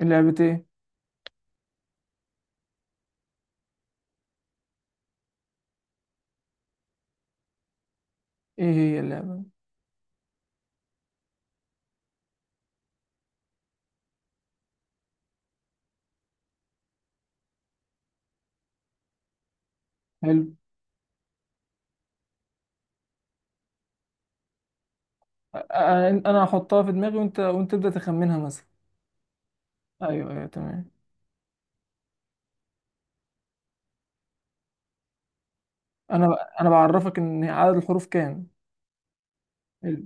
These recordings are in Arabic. لعبة ايه؟ ايه هي اللعبة؟ حلو. أ- أ- انا هحطها في دماغي وانت تبدأ تخمنها مثلا. ايوه، ايوه، تمام. انا ب- انا بعرفك ان عدد الحروف كام. حلو.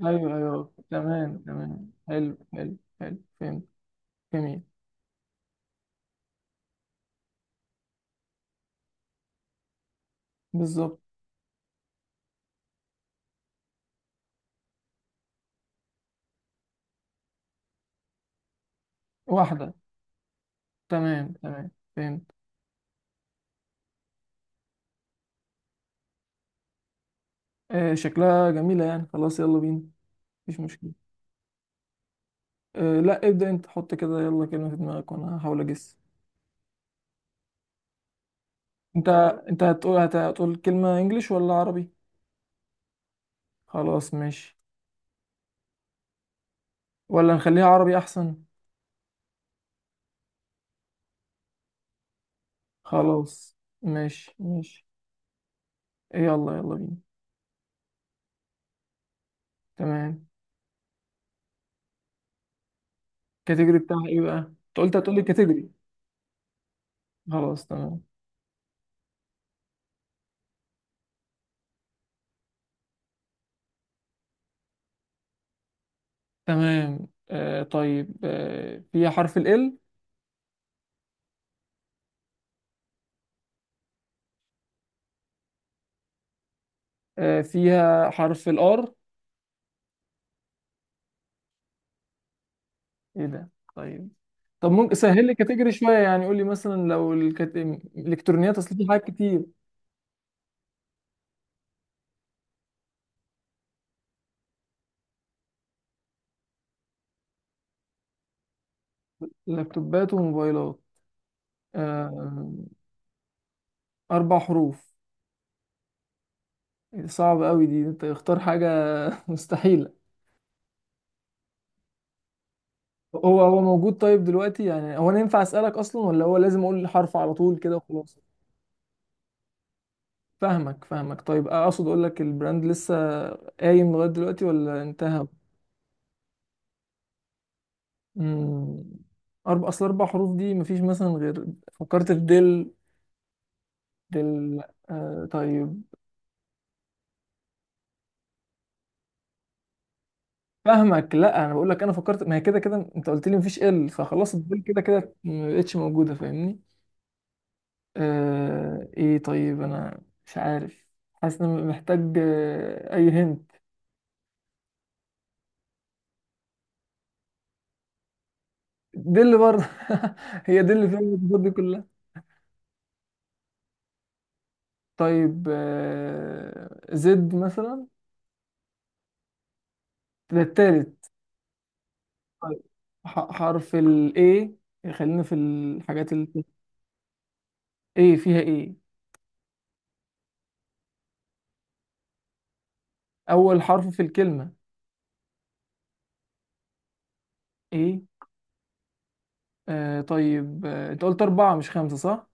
ايوه، ايوه، تمام، تمام، حلو، حلو، حلو. فهمت. جميل. بالظبط. واحدة. تمام، تمام. فهمت. آه، شكلها جميلة يعني. خلاص، يلا بينا. مفيش مشكلة. آه، لا، ابدأ انت، حط كده يلا كلمة في دماغك وانا هحاول اجس. انت هتقول كلمة انجليش ولا عربي؟ خلاص، ماشي. ولا نخليها عربي احسن؟ خلاص، ماشي، ماشي، يلا، يلا بينا. تمام. الكاتيجوري بتاعها ايه بقى؟ انت قلت هتقولي الكاتيجوري. خلاص، تمام. تمام. آه، طيب. فيها حرف ال L. فيها حرف الار. ايه ده؟ طيب، طب ممكن سهل لي كاتيجوري شويه، يعني قول لي مثلا لو الالكترونيات، اصل في حاجات كتير. لابتوبات وموبايلات، آه، اربع حروف. صعب قوي دي، انت اختار حاجه. مستحيله. هو موجود. طيب دلوقتي يعني، هو انا ينفع اسالك اصلا ولا هو لازم اقول الحرف على طول كده وخلاص؟ فاهمك، فاهمك. طيب، اقصد اقول لك البراند لسه قايم لغايه دلوقتي ولا انتهى؟ امم اربع، اصل اربع حروف دي مفيش مثلا غير. فكرت في دل. دل. آه، طيب. فاهمك. لا، انا بقول لك انا فكرت، ما هي كده كده انت قلت لي مفيش ال، فخلاص الدل كده كده ما بقتش موجوده. فاهمني؟ آه، ايه طيب انا مش عارف. حاسس ان أنا محتاج، اي هند. دي اللي برضه، هي دي اللي فيها الوصفات دي كلها. طيب، زد مثلا. ده التالت. طيب، حرف ال A، خلينا في الحاجات ال A فيها. A. أول حرف في الكلمة. A. آه، طيب. أنت قلت أربعة مش خمسة صح؟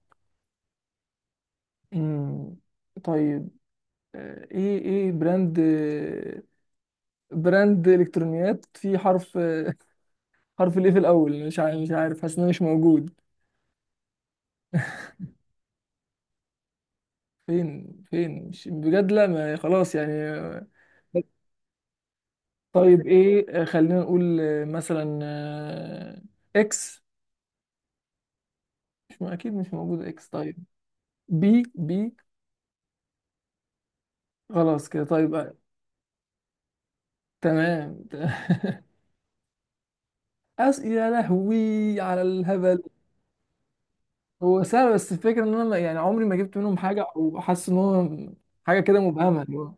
مم. طيب. إيه، إيه، براند، براند إلكترونيات. في حرف، حرف الإيه في الأول؟ مش عارف، حاسس إنه مش موجود. فين، مش بجد. لا، ما خلاص يعني. طيب ايه، خلينا نقول مثلا اكس. مش اكيد، مش موجود اكس. طيب، بي، بي. خلاص كده. طيب، تمام. أس؟ يا لهوي على الهبل. هو سهل، بس الفكرة ان انا يعني عمري ما جبت منهم حاجة، او حاسس ان هو حاجة كده مبهمة، اللي هو.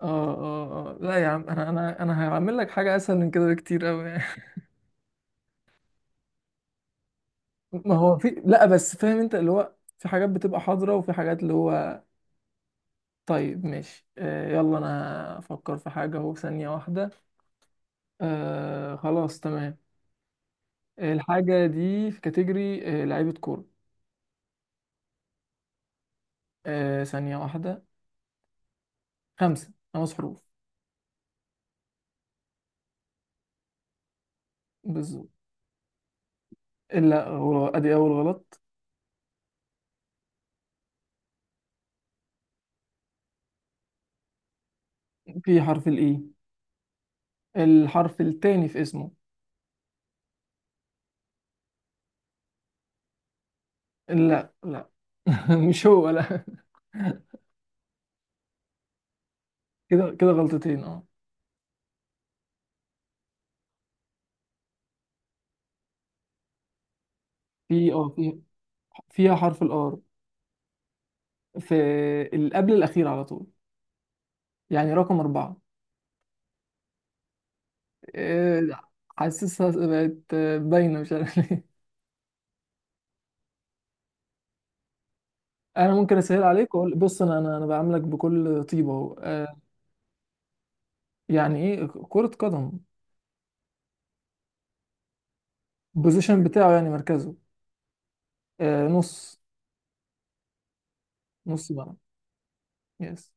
اه، اه، اه، لا يا عم. انا، هعمل لك حاجة اسهل من كده بكتير قوي. ما هو في، لا، بس فاهم انت اللي هو، في حاجات بتبقى حاضرة وفي حاجات اللي هو. طيب، ماشي. آه، يلا انا افكر في حاجة اهو، ثانية واحدة. آه، خلاص، تمام. الحاجة دي في كاتيجوري، لعيبة كورة. آه، ثانية واحدة. خمسة، خمس حروف. بالظبط. لا، غلط. ادي اول غلط. في حرف الاي. الحرف التاني في اسمه. لا، لا. مش هو، لا. كده كده غلطتين، اه. في، اه، في، فيها حرف الار. في، اللي قبل الاخير على طول، يعني رقم أربعة. إيه، حاسسها بقت باينة، مش عارف ليه. أنا ممكن أسهل عليك وأقول، بص، أنا، بعاملك بكل طيبة أهو. يعني إيه، كرة قدم. البوزيشن بتاعه، يعني مركزه. آه، نص، نص ملعب. يس.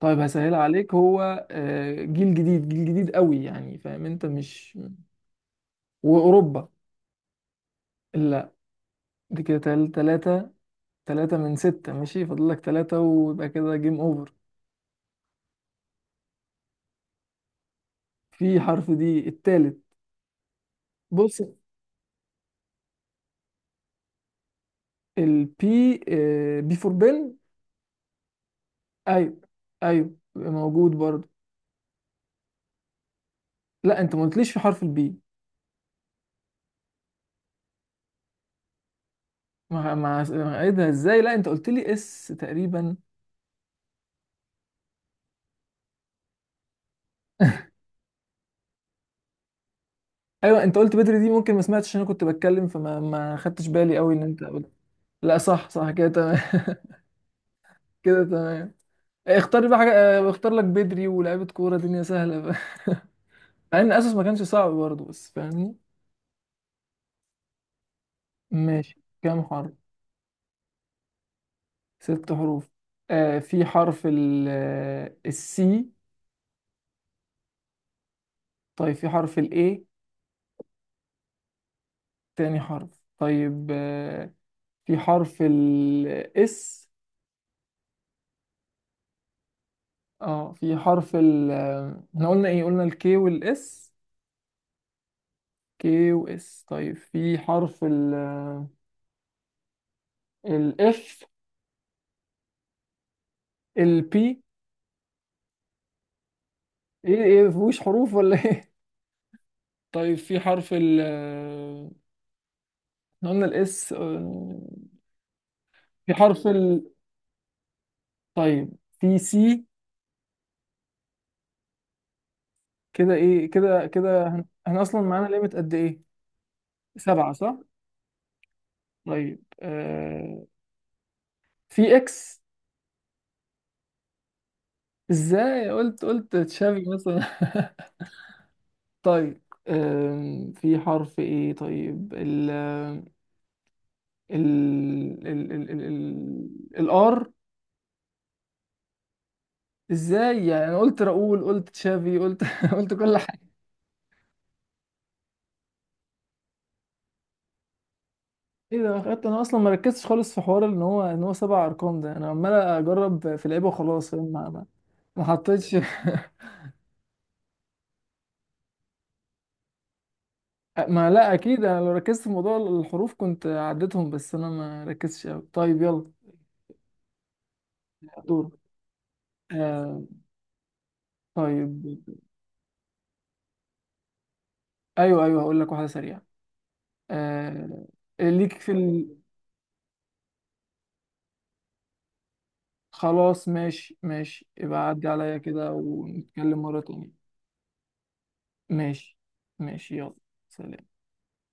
طيب هسهلها عليك، هو، جيل جديد، جيل جديد قوي، يعني فاهم أنت مش. وأوروبا. لا، دي كده تلاتة. تلاتة من ستة ماشي، فاضل لك تلاتة ويبقى كده جيم أوفر. في حرف دي، التالت. بص، البي، بي فور بن. ايوه، ايوه، موجود برضه. لا، انت ما قلتليش في حرف البي. ايه ده ازاي، لا انت قلت لي اس تقريبا. ايوه، انت قلت بدري، دي ممكن ما سمعتش عشان انا كنت بتكلم، فما ما خدتش بالي قوي ان انت قلت. لا، صح، صح، كده تمام. كده تمام. اختار لي بقى حاجه، اه، اختار لك بدري ولاعيبه كوره، دنيا سهله بقى. مع ان اساس ما كانش صعب برضه، بس فاهمني. ماشي، كام حرف؟ ست حروف. آه، في حرف ال السي. طيب، في حرف ال A. تاني حرف. طيب، في حرف ال S. اه، في حرف ال، احنا قلنا ايه، قلنا ال K وال S. K و S. طيب، في حرف ال، ال F. ال P. ايه، ايه مفيهوش حروف ولا ايه؟ طيب، في حرف ال، احنا قلنا ال S، في حرف ال، طيب، في C. كده ايه، كده كده احنا اصلا معانا ليميت قد ايه؟ سبعة صح؟ طيب، في اكس. ازاي؟ قلت، قلت تشافي مثلا. طيب، في حرف ايه؟ طيب، ال الار. ازاي يعني، انا قلت راؤول، قلت تشافي، قلت، قلت كل حاجه. ايه ده، خدت انا اصلا ما ركزتش خالص في حوار ان هو، سبع ارقام ده. انا عمال اجرب في لعيبه وخلاص، فاهم؟ ما حطيتش. ما لا اكيد، انا لو ركزت في موضوع الحروف كنت عديتهم، بس انا ما ركزتش قوي. طيب يلا. دور. آه، طيب. ايوه، ايوه، هقول لك واحده سريعه. آه... ليك في ال... خلاص، ماشي، ماشي، يبقى عدي عليا كده ونتكلم مره تانية. ماشي، ماشي، يلا. سلام.